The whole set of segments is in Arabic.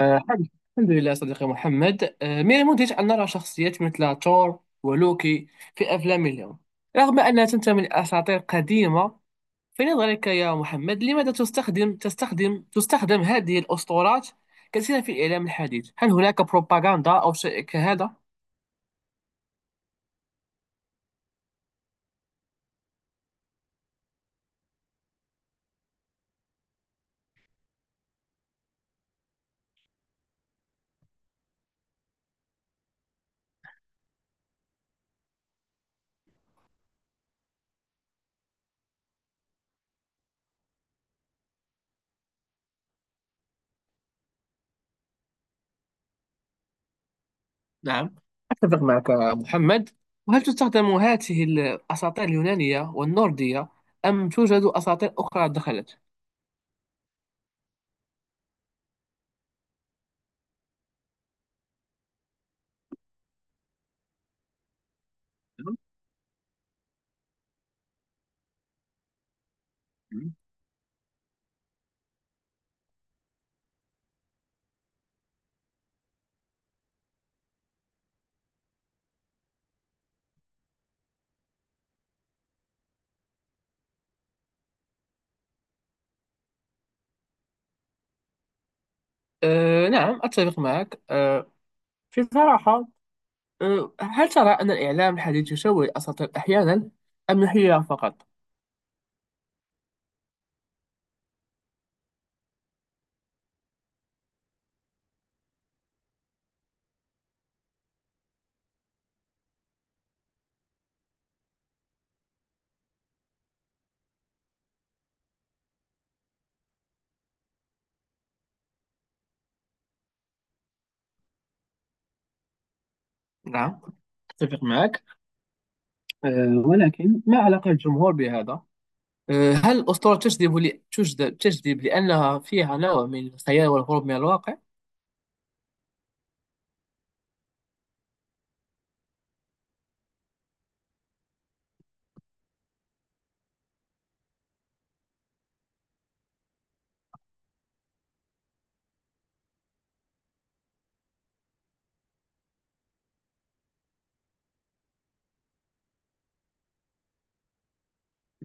الحمد الحمد لله صديقي محمد. من المدهش أن نرى شخصيات مثل تور ولوكي في أفلام اليوم، رغم أنها تنتمي لأساطير قديمة. في نظرك يا محمد، لماذا تستخدم هذه الأسطورات كثيرا في الإعلام الحديث؟ هل هناك بروباغندا أو شيء كهذا؟ نعم، أتفق معك يا محمد. وهل تستخدم هذه الأساطير اليونانية والنوردية، أم توجد أساطير أخرى دخلت؟ نعم. أه نعم، أتفق معك. في صراحة، هل ترى أن الإعلام الحديث يشوه الأساطير أحيانا، أم هي فقط؟ نعم، أتفق معك. ولكن ما علاقة الجمهور بهذا؟ هل الأسطورة تجذب تجذب لأنها فيها نوع من الخيال والهروب من الواقع؟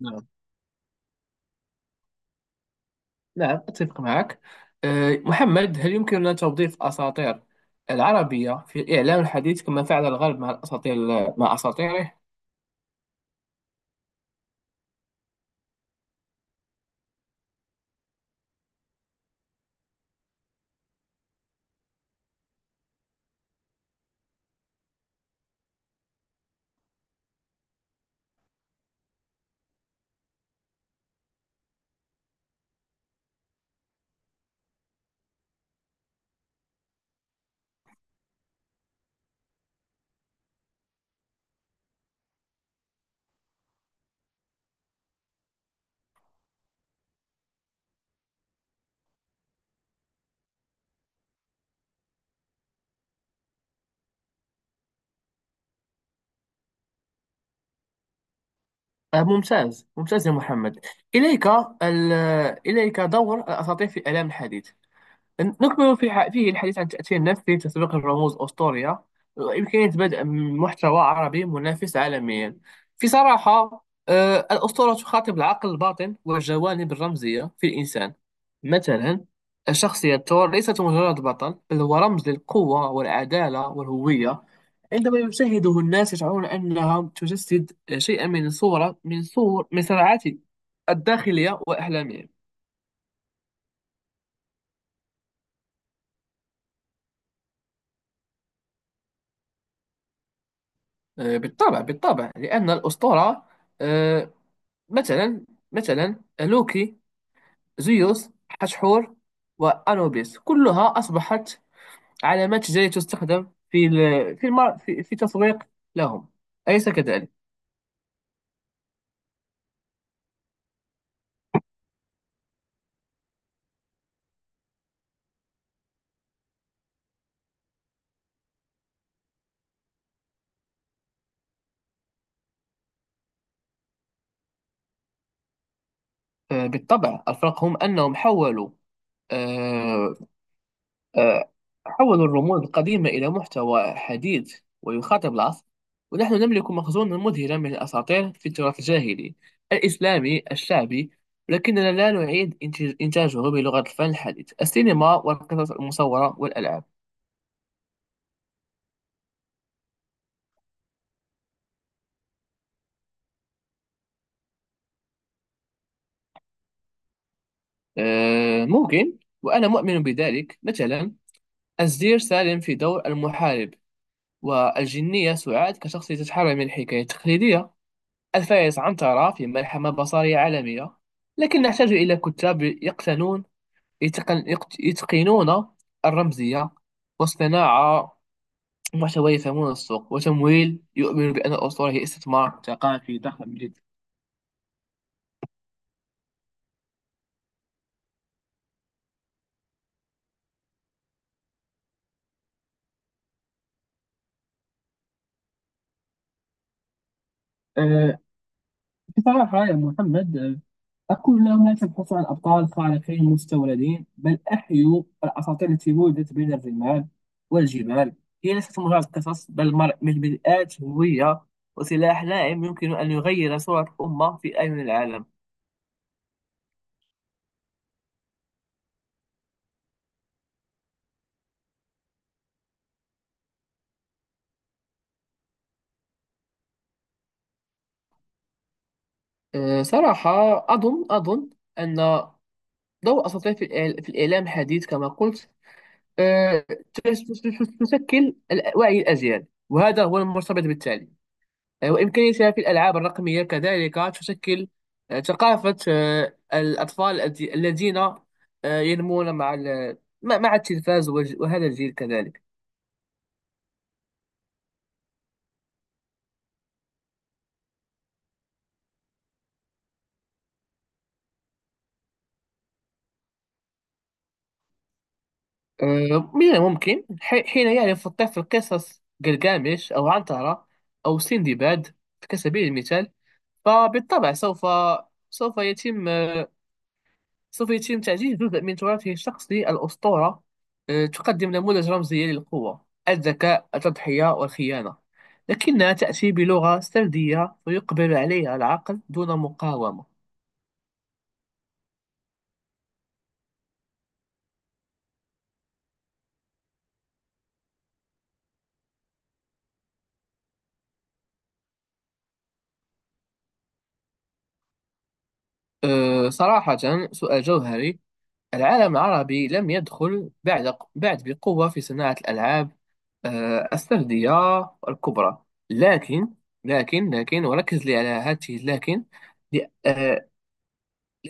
نعم. نعم، أتفق معك. محمد، هل يمكننا توظيف الأساطير العربية في الإعلام الحديث كما فعل الغرب مع الأساطير، مع أساطيره؟ ممتاز ممتاز يا محمد. إليك ال- إليك دور الأساطير في الإعلام الحديث. نكمل في فيه الحديث عن تأثير نفسي، تسويق الرموز أسطوريا، وإمكانية بدء محتوى عربي منافس عالميا. في صراحة، الأسطورة تخاطب العقل الباطن والجوانب الرمزية في الإنسان. مثلا الشخصية تور ليست مجرد بطل، بل هو رمز للقوة والعدالة والهوية. عندما يشاهده الناس، يشعرون أنها تجسد شيئا من صورة، من صور صراعات الداخلية وأحلامهم. بالطبع بالطبع، لأن الأسطورة، آه، مثلا، مثلا لوكي، زيوس، حتحور وأنوبيس، كلها أصبحت علامات تجارية تستخدم في في في تسويق لهم. أليس كذلك؟ بالطبع. الفرق هم أنهم حولوا، آه، آه، حول الرموز القديمة إلى محتوى حديث ويخاطب العصر. ونحن نملك مخزونا مذهلا من الأساطير في التراث الجاهلي، الإسلامي، الشعبي، لكننا لا نعيد إنتاجه بلغة الفن الحديث، السينما والقصص المصورة والألعاب. ممكن، وأنا مؤمن بذلك. مثلا الزير سالم في دور المحارب، والجنية سعاد كشخصية تتحرر من الحكاية التقليدية، الفيض عنترة في ملحمة بصرية عالمية. لكن نحتاج إلى كتاب يقتنون، يتقنون الرمزية والصناعة، محتوى يفهمون السوق، وتمويل يؤمن بأن الأسطورة هي استثمار ثقافي ضخم جدا. أه، بصراحة يا محمد، أقول لا، لا تبحثوا عن أبطال خارقين مستوردين، بل أحيوا الأساطير التي ولدت بين الرمال والجبال. هي ليست مجرد قصص، بل من بدءات هوية وسلاح لائم يمكن أن يغير صورة أمة في أعين العالم. أه، صراحة، أظن أن ضوء أساطير في في الإعلام الحديث كما قلت، أه، تشكل وعي الأجيال، وهذا هو المرتبط بالتعليم. وإمكانيتها في الألعاب الرقمية كذلك تشكل ثقافة الأطفال الذين ينمون مع مع التلفاز وهذا الجيل كذلك. من الممكن حين يعرف الطفل قصص جلجامش أو عنترة أو سندباد كسبيل المثال، فبالطبع سوف، سوف يتم سوف يتم تعزيز جزء من تراثه الشخصي. الأسطورة تقدم نموذج رمزي للقوة، الذكاء، التضحية والخيانة، لكنها تأتي بلغة سردية ويقبل عليها العقل دون مقاومة. صراحة، سؤال جوهري. العالم العربي لم يدخل بعد بقوة في صناعة الألعاب السردية الكبرى. لكن لكن لكن، وركز لي على هذه لكن،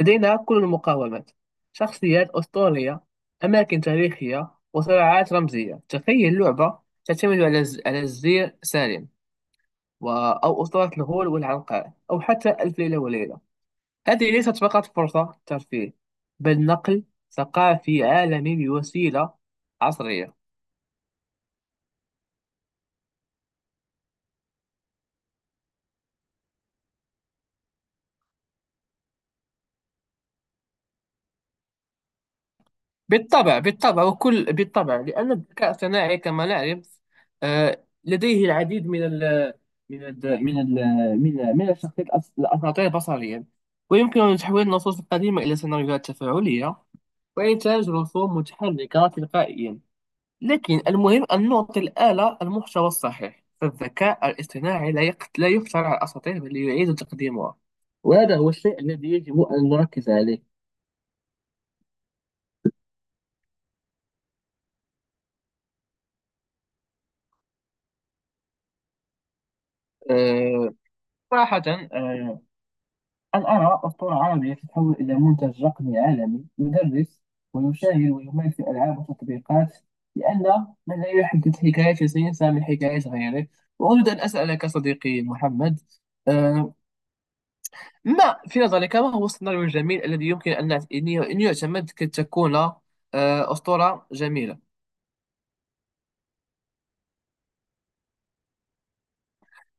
لدينا كل المقاومات، شخصيات أسطورية، أماكن تاريخية وصراعات رمزية. تخيل لعبة تعتمد على الزير سالم و... أو أسطورة الغول والعنقاء، أو حتى ألف ليلة وليلة. هذه ليست فقط فرصة ترفيه، بل نقل ثقافي عالمي بوسيلة عصرية. بالطبع بالطبع، وكل بالطبع، لأن الذكاء الصناعي كما نعرف، لديه العديد من ال من ال من ال من من الشخصيات الأساطير بصريا، ويمكن تحويل النصوص القديمة إلى سيناريوهات تفاعلية، وإنتاج رسوم متحركة تلقائيا. لكن المهم أن نعطي الآلة المحتوى الصحيح، فالذكاء الاصطناعي لا يخترع الأساطير، بل يعيد تقديمها، وهذا هو الشيء الذي يجب أن نركز عليه. آه، صراحة، آه، أن أرى أسطورة عربية تتحول إلى منتج رقمي عالمي، يدرس ويشاهد ويمارس ألعاب وتطبيقات، لأن من لا يحدد حكايته سينسى من حكاية غيره. وأريد أن أسألك صديقي محمد، آه، ما في نظرك، ما هو السيناريو الجميل الذي يمكن أن يعتمد كي تكون أسطورة جميلة؟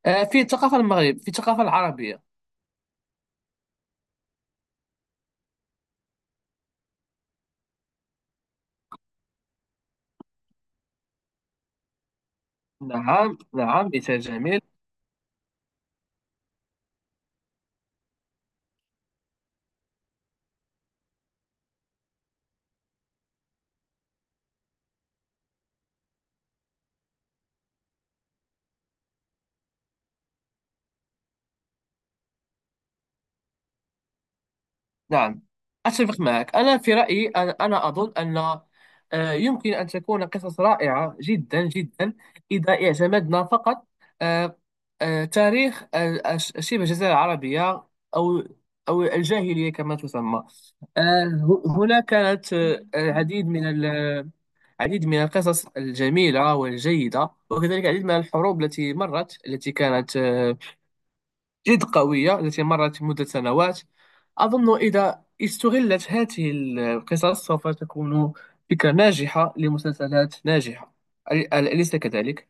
في الثقافة المغرب، في الثقافة العربية. نعم، نعم، مثال جميل. نعم، أتفق معك. أنا في رأيي، أنا أظن أن يمكن أن تكون قصص رائعة جدا جدا، إذا اعتمدنا فقط آه، تاريخ شبه الجزيرة العربية، أو، أو الجاهلية كما تسمى. هنا كانت العديد من العديد من القصص الجميلة والجيدة، وكذلك العديد من الحروب التي مرت، التي كانت جد قوية، التي مرت مدة سنوات. أظن إذا استغلت هذه القصص، سوف تكون فكرة ناجحة لمسلسلات ناجحة. أليس كذلك؟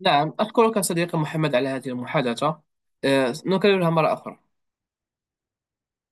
نعم، أشكرك صديقي محمد على هذه المحادثة. نكررها مرة أخرى.